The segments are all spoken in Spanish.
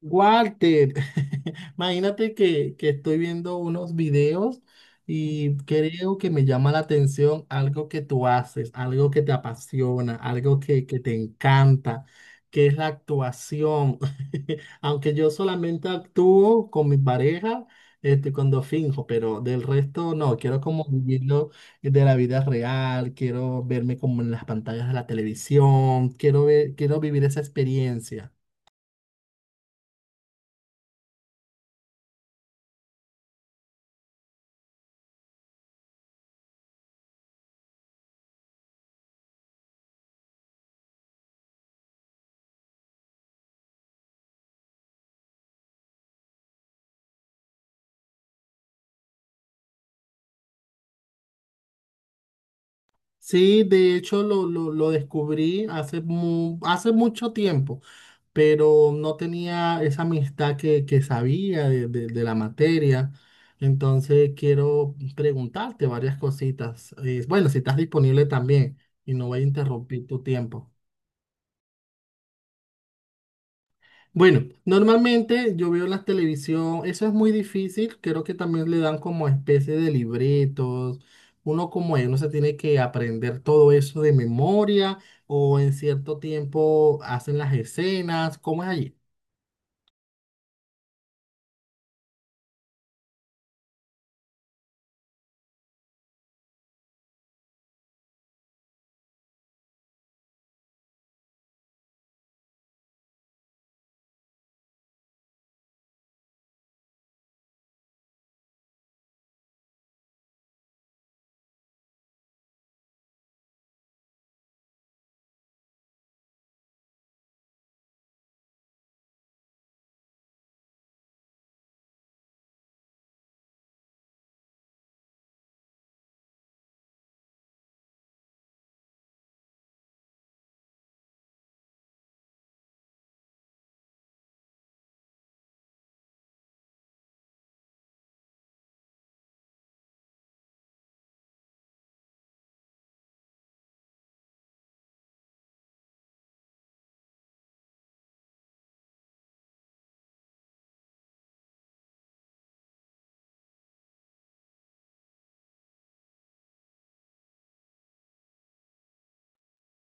Walter, imagínate que estoy viendo unos videos y creo que me llama la atención algo que tú haces, algo que te apasiona, algo que te encanta, que es la actuación. Aunque yo solamente actúo con mi pareja, cuando finjo, pero del resto no, quiero como vivirlo de la vida real, quiero verme como en las pantallas de la televisión, quiero ver, quiero vivir esa experiencia. Sí, de hecho lo descubrí hace, hace mucho tiempo, pero no tenía esa amistad que sabía de, de la materia. Entonces quiero preguntarte varias cositas. Bueno, si estás disponible también y no voy a interrumpir tu tiempo. Bueno, normalmente yo veo la televisión, eso es muy difícil, creo que también le dan como especie de libretos, uno como él, uno se tiene que aprender todo eso de memoria o en cierto tiempo hacen las escenas, ¿cómo es allí?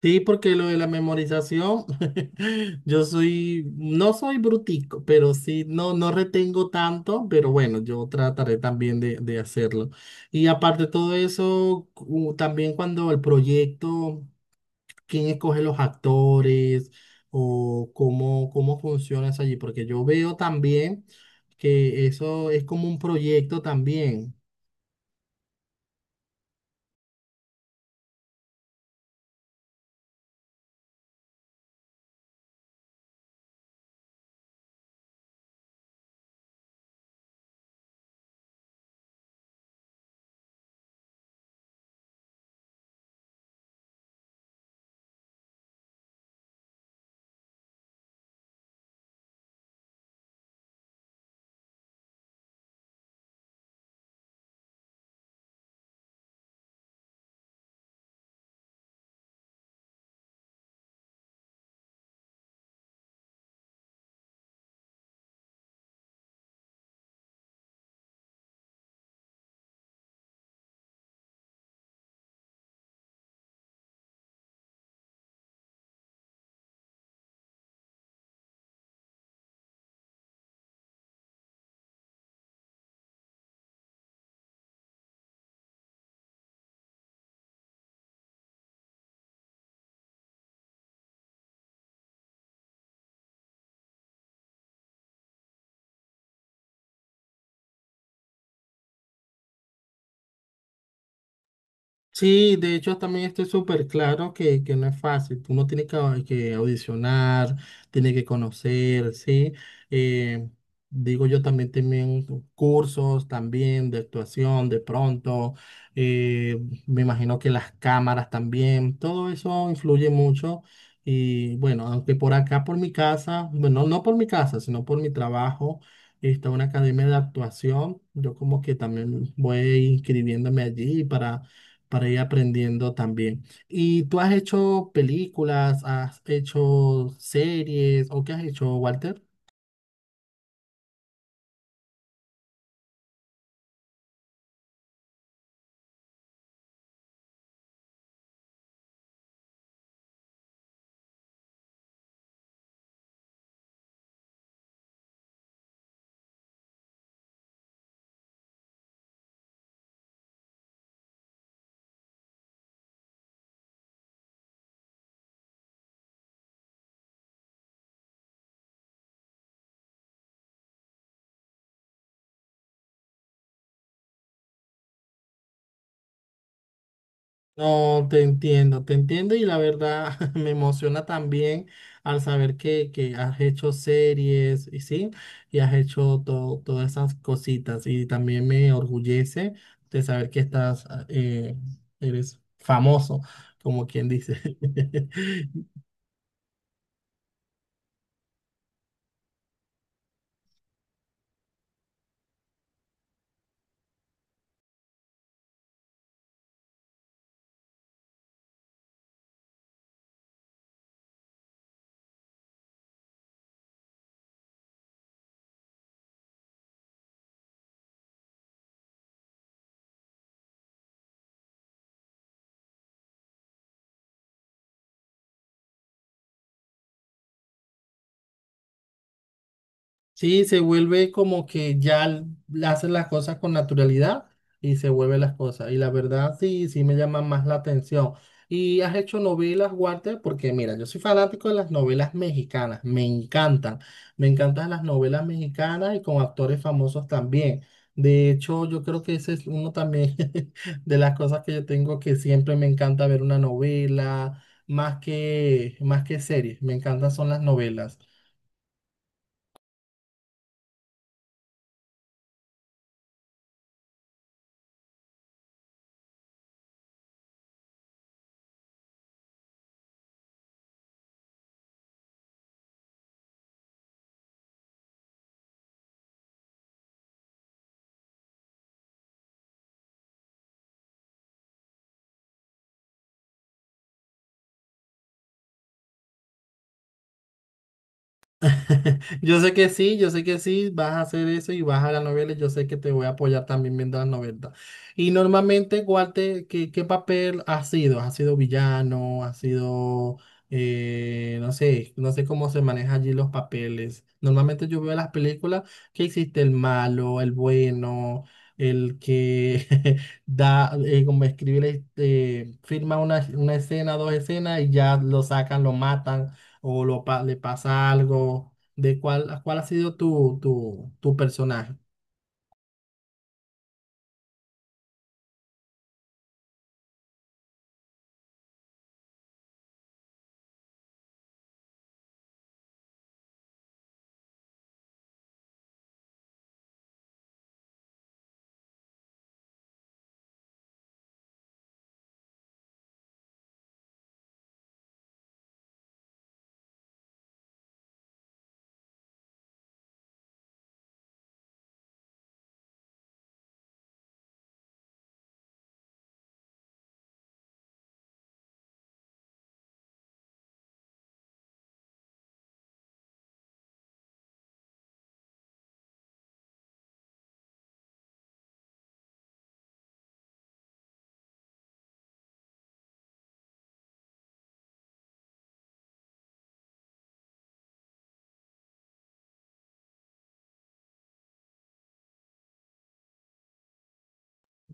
Sí, porque lo de la memorización, yo soy, no soy brutico, pero sí, no, no retengo tanto, pero bueno, yo trataré también de hacerlo. Y aparte de todo eso, también cuando el proyecto... quién escoge los actores o cómo, cómo funciona eso allí, porque yo veo también que eso es como un proyecto también. Sí, de hecho también estoy súper claro que no es fácil. Uno tiene que, que audicionar, tiene que conocer, ¿sí? Eh, Digo yo también cursos también de actuación de pronto. eh, Me imagino que las cámaras también, todo eso influye mucho. Y bueno, aunque por acá, por mi casa, bueno, no por mi casa, sino por mi trabajo, está una academia de actuación. Yo como que también voy inscribiéndome allí para ir aprendiendo también. ¿Y tú has hecho películas, has hecho series o qué has hecho, Walter? No, te entiendo y la verdad me emociona también al saber que has hecho series y sí, y has hecho todas esas cositas y también me orgullece de saber que estás, eres famoso, como quien dice. Sí, se vuelve como que ya hace las cosas con naturalidad y se vuelve las cosas. Y la verdad sí, sí me llama más la atención. ¿Y has hecho novelas, Walter? Porque mira, yo soy fanático de las novelas mexicanas, me encantan. Me encantan las novelas mexicanas y con actores famosos también. De hecho, yo creo que ese es uno también de las cosas que yo tengo que siempre me encanta ver una novela, más que series, me encantan son las novelas. Yo sé que sí, yo sé que sí, vas a hacer eso y vas a las novelas, yo sé que te voy a apoyar también viendo las novelas. Y normalmente, ¿cuál te ¿qué, qué papel has sido? ¿Has sido villano? ¿Has sido, no sé, no sé cómo se manejan allí los papeles? Normalmente yo veo las películas que existe el malo, el bueno, el que da, como escribe, la firma una escena, dos escenas y ya lo sacan, lo matan o le pasa algo de cuál, cuál ha sido tu, tu personaje.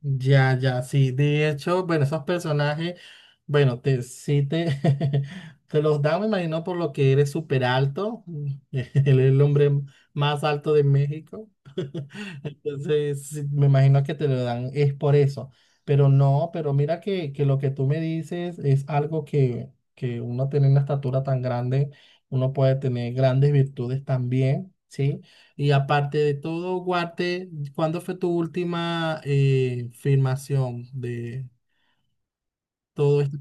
Ya, ya, sí. De hecho, bueno, esos personajes, bueno, te los dan, me imagino, por lo que eres súper alto. Él es el hombre más alto de México. Entonces, sí, me imagino que te lo dan, es por eso. Pero no, pero mira que lo que tú me dices es algo que uno tiene una estatura tan grande, uno puede tener grandes virtudes también, ¿sí? Y aparte de todo, Guarte, ¿cuándo fue tu última filmación de todo esto?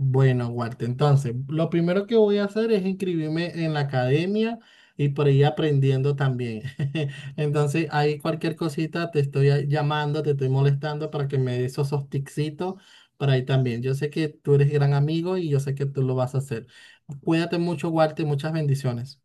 Bueno, Walter, entonces, lo primero que voy a hacer es inscribirme en la academia y por ahí aprendiendo también. Entonces, ahí cualquier cosita te estoy llamando, te estoy molestando para que me des esos tipsitos para ahí también. Yo sé que tú eres gran amigo y yo sé que tú lo vas a hacer. Cuídate mucho, Walter, muchas bendiciones.